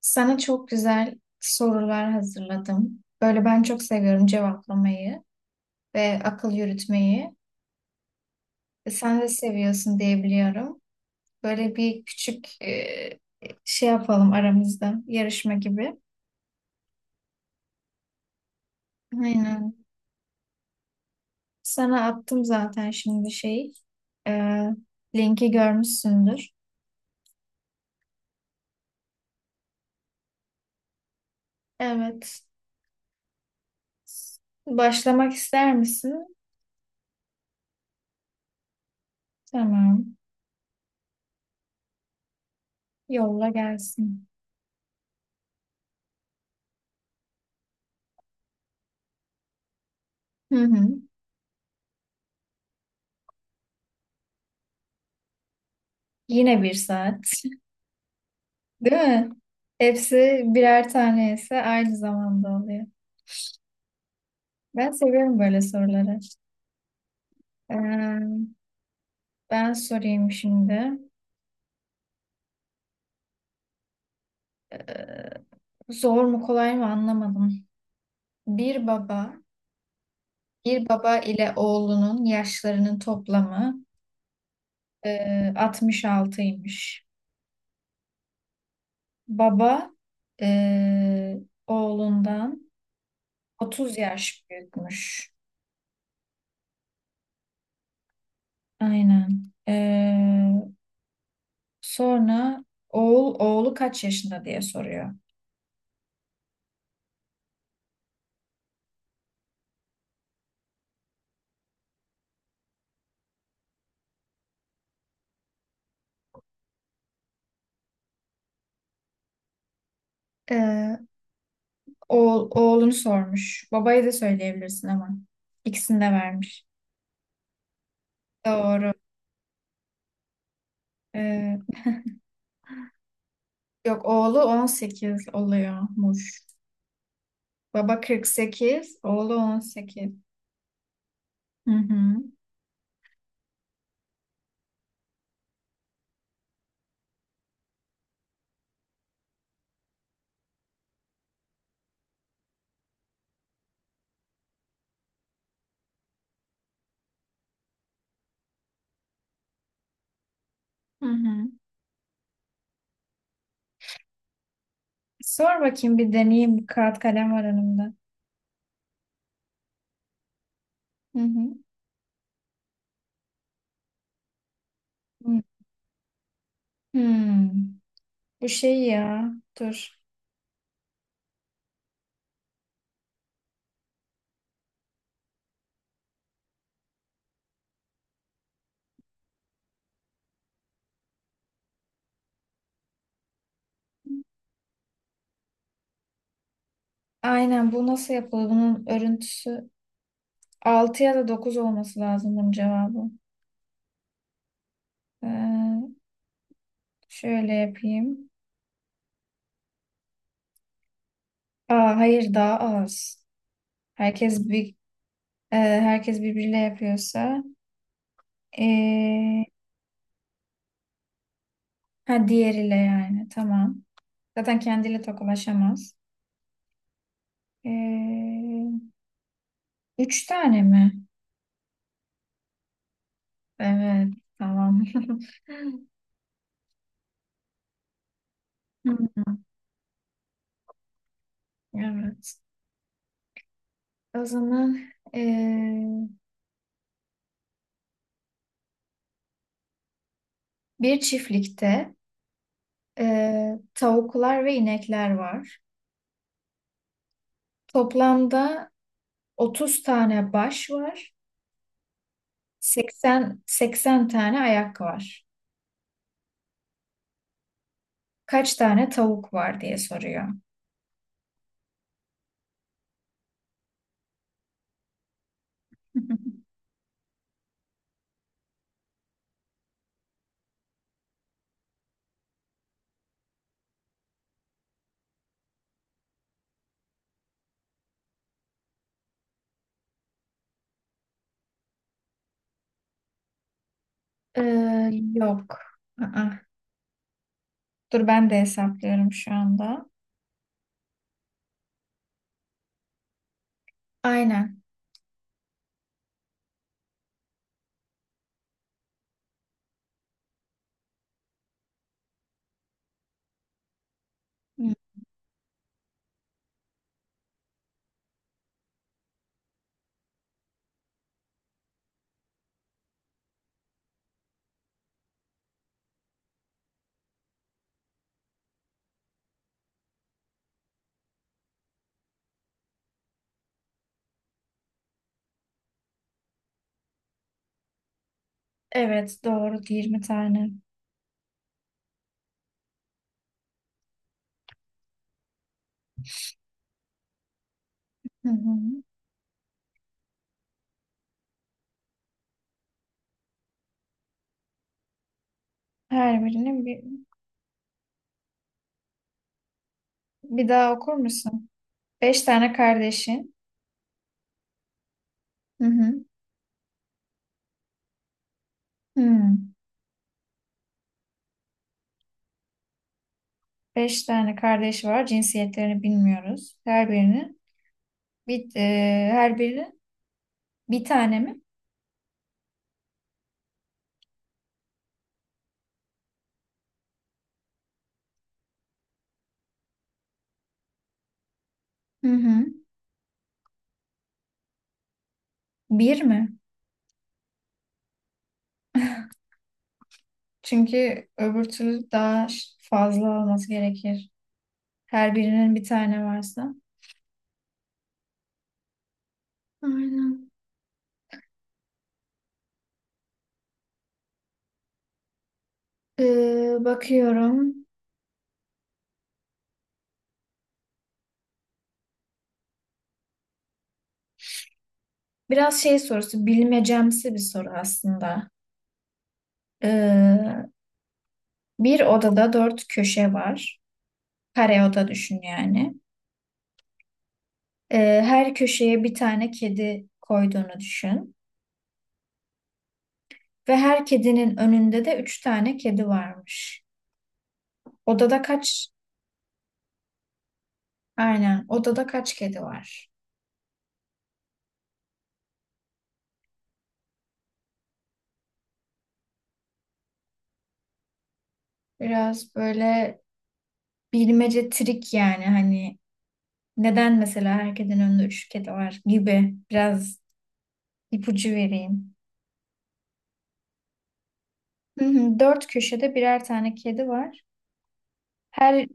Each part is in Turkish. Sana çok güzel sorular hazırladım. Böyle ben çok seviyorum cevaplamayı ve akıl yürütmeyi. Sen de seviyorsun diye biliyorum. Böyle bir küçük şey yapalım aramızda yarışma gibi. Aynen. Sana attım zaten şimdi şey. E, Linki görmüşsündür. Evet. Başlamak ister misin? Tamam. Yolla gelsin. Hı hı. Yine bir saat. Değil mi? Hepsi birer tane ise aynı zamanda oluyor. Ben seviyorum böyle soruları. Ee, Ben sorayım şimdi. Zor mu kolay mı anlamadım. Bir baba, Bir baba ile oğlunun yaşlarının toplamı 66'ymış. Baba e, oğlundan 30 yaş büyükmüş. Aynen. Sonra oğlu kaç yaşında diye soruyor. Ee, Oğul, oğlunu sormuş. Babaya da söyleyebilirsin ama. İkisini de vermiş. Doğru. Ee, Yok, oğlu 18 oluyormuş. Baba 48, oğlu 18. Hı hı. Hı hı. Sor bakayım, bir deneyeyim. Bir kağıt kalem var önümde. Hı hı. Hı. Hmm. Bu şey ya. Dur. Aynen, bu nasıl yapılır? Bunun örüntüsü 6 ya da 9 olması lazım bunun cevabı. Ee, Şöyle yapayım. Aa, hayır, daha az. Herkes bir Herkes birbiriyle yapıyorsa e, ha, diğeriyle, yani, tamam. Zaten kendiyle tokalaşamaz. E, Üç tane mi? Evet, tamam. Hmm. Evet. O zaman e, bir çiftlikte tavuklar ve inekler var. Toplamda 30 tane baş var. Seksen tane ayak var. Kaç tane tavuk var diye soruyor. Ee, Yok. Aa, dur, ben de hesaplıyorum şu anda. Aynen. Hmm. Evet, doğru, 20 tane. Hı hı. Her birini bir daha okur musun? Beş tane kardeşin. Hı hı. Hmm. Beş tane kardeş var. Cinsiyetlerini bilmiyoruz. Her biri bir tane mi? Hı hı. Bir mi? Çünkü öbür türlü daha fazla olması gerekir. Her birinin bir tane varsa. Aynen. Bakıyorum. Biraz şey sorusu, bilmecemsi bir soru aslında. Ee, Bir odada dört köşe var. Kare oda düşün yani. Her köşeye bir tane kedi koyduğunu düşün. Ve her kedinin önünde de üç tane kedi varmış. Odada kaç? Aynen. Odada kaç kedi var? Biraz böyle bilmece, trik yani, hani neden mesela her kedinin önünde üç kedi var gibi. Biraz ipucu vereyim. Hı hı. Dört köşede birer tane kedi var. Her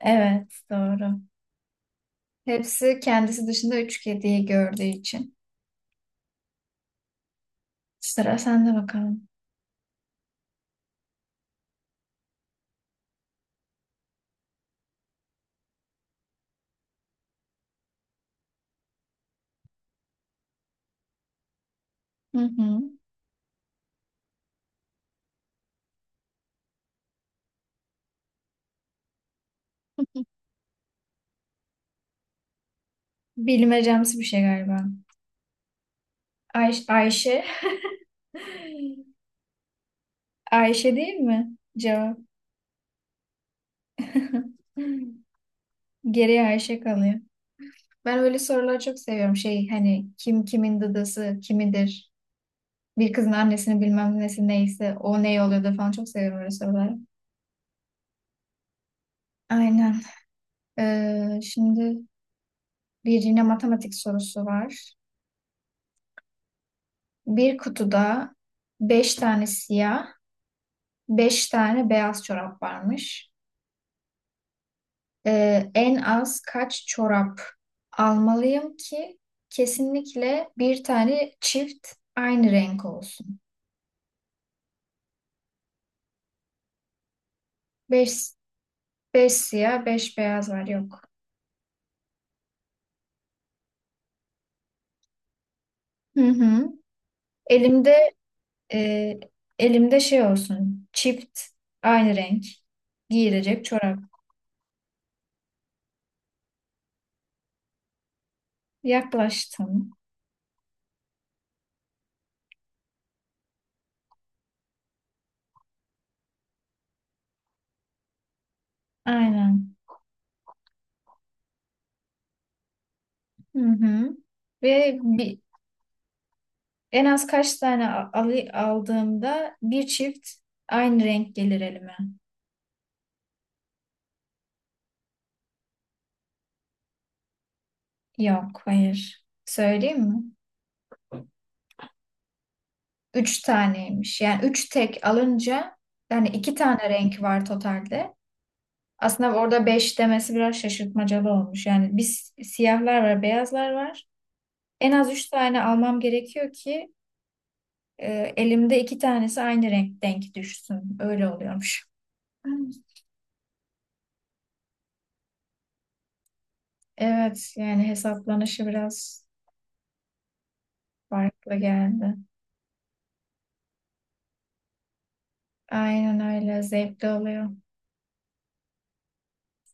evet, doğru. Hepsi kendisi dışında üç kediyi gördüğü için. Sıra sende bakalım. Hı hı. Bilmecemsi bir şey galiba. Ay, Ayşe. Ayşe değil mi? Cevap. Geriye Ayşe kalıyor. Ben öyle soruları çok seviyorum. Şey, hani kim kimin dıdısı kimidir? Bir kızın annesini bilmem nesi neyse o ne oluyor da falan, çok seviyorum öyle soruları. Aynen. Şimdi bir yine matematik sorusu var. Bir kutuda beş tane siyah, beş tane beyaz çorap varmış. En az kaç çorap almalıyım ki kesinlikle bir tane çift aynı renk olsun? Beş, Beş siyah, beş beyaz var. Yok. Hı hı. Elimde e, Elimde şey olsun. Çift, aynı renk, giyilecek çorap. Yaklaştım. Aynen. Hı hı. Ve bir, En az kaç tane aldığımda bir çift aynı renk gelir elime. Yok, hayır. Söyleyeyim mi? Üç taneymiş. Yani üç tek alınca, yani iki tane renk var totalde. Aslında orada beş demesi biraz şaşırtmacalı olmuş. Yani biz, siyahlar var, beyazlar var. En az üç tane almam gerekiyor ki elimde iki tanesi aynı renk denk düşsün. Öyle oluyormuş. Hmm. Evet, yani hesaplanışı biraz farklı geldi. Aynen, öyle zevkli oluyor.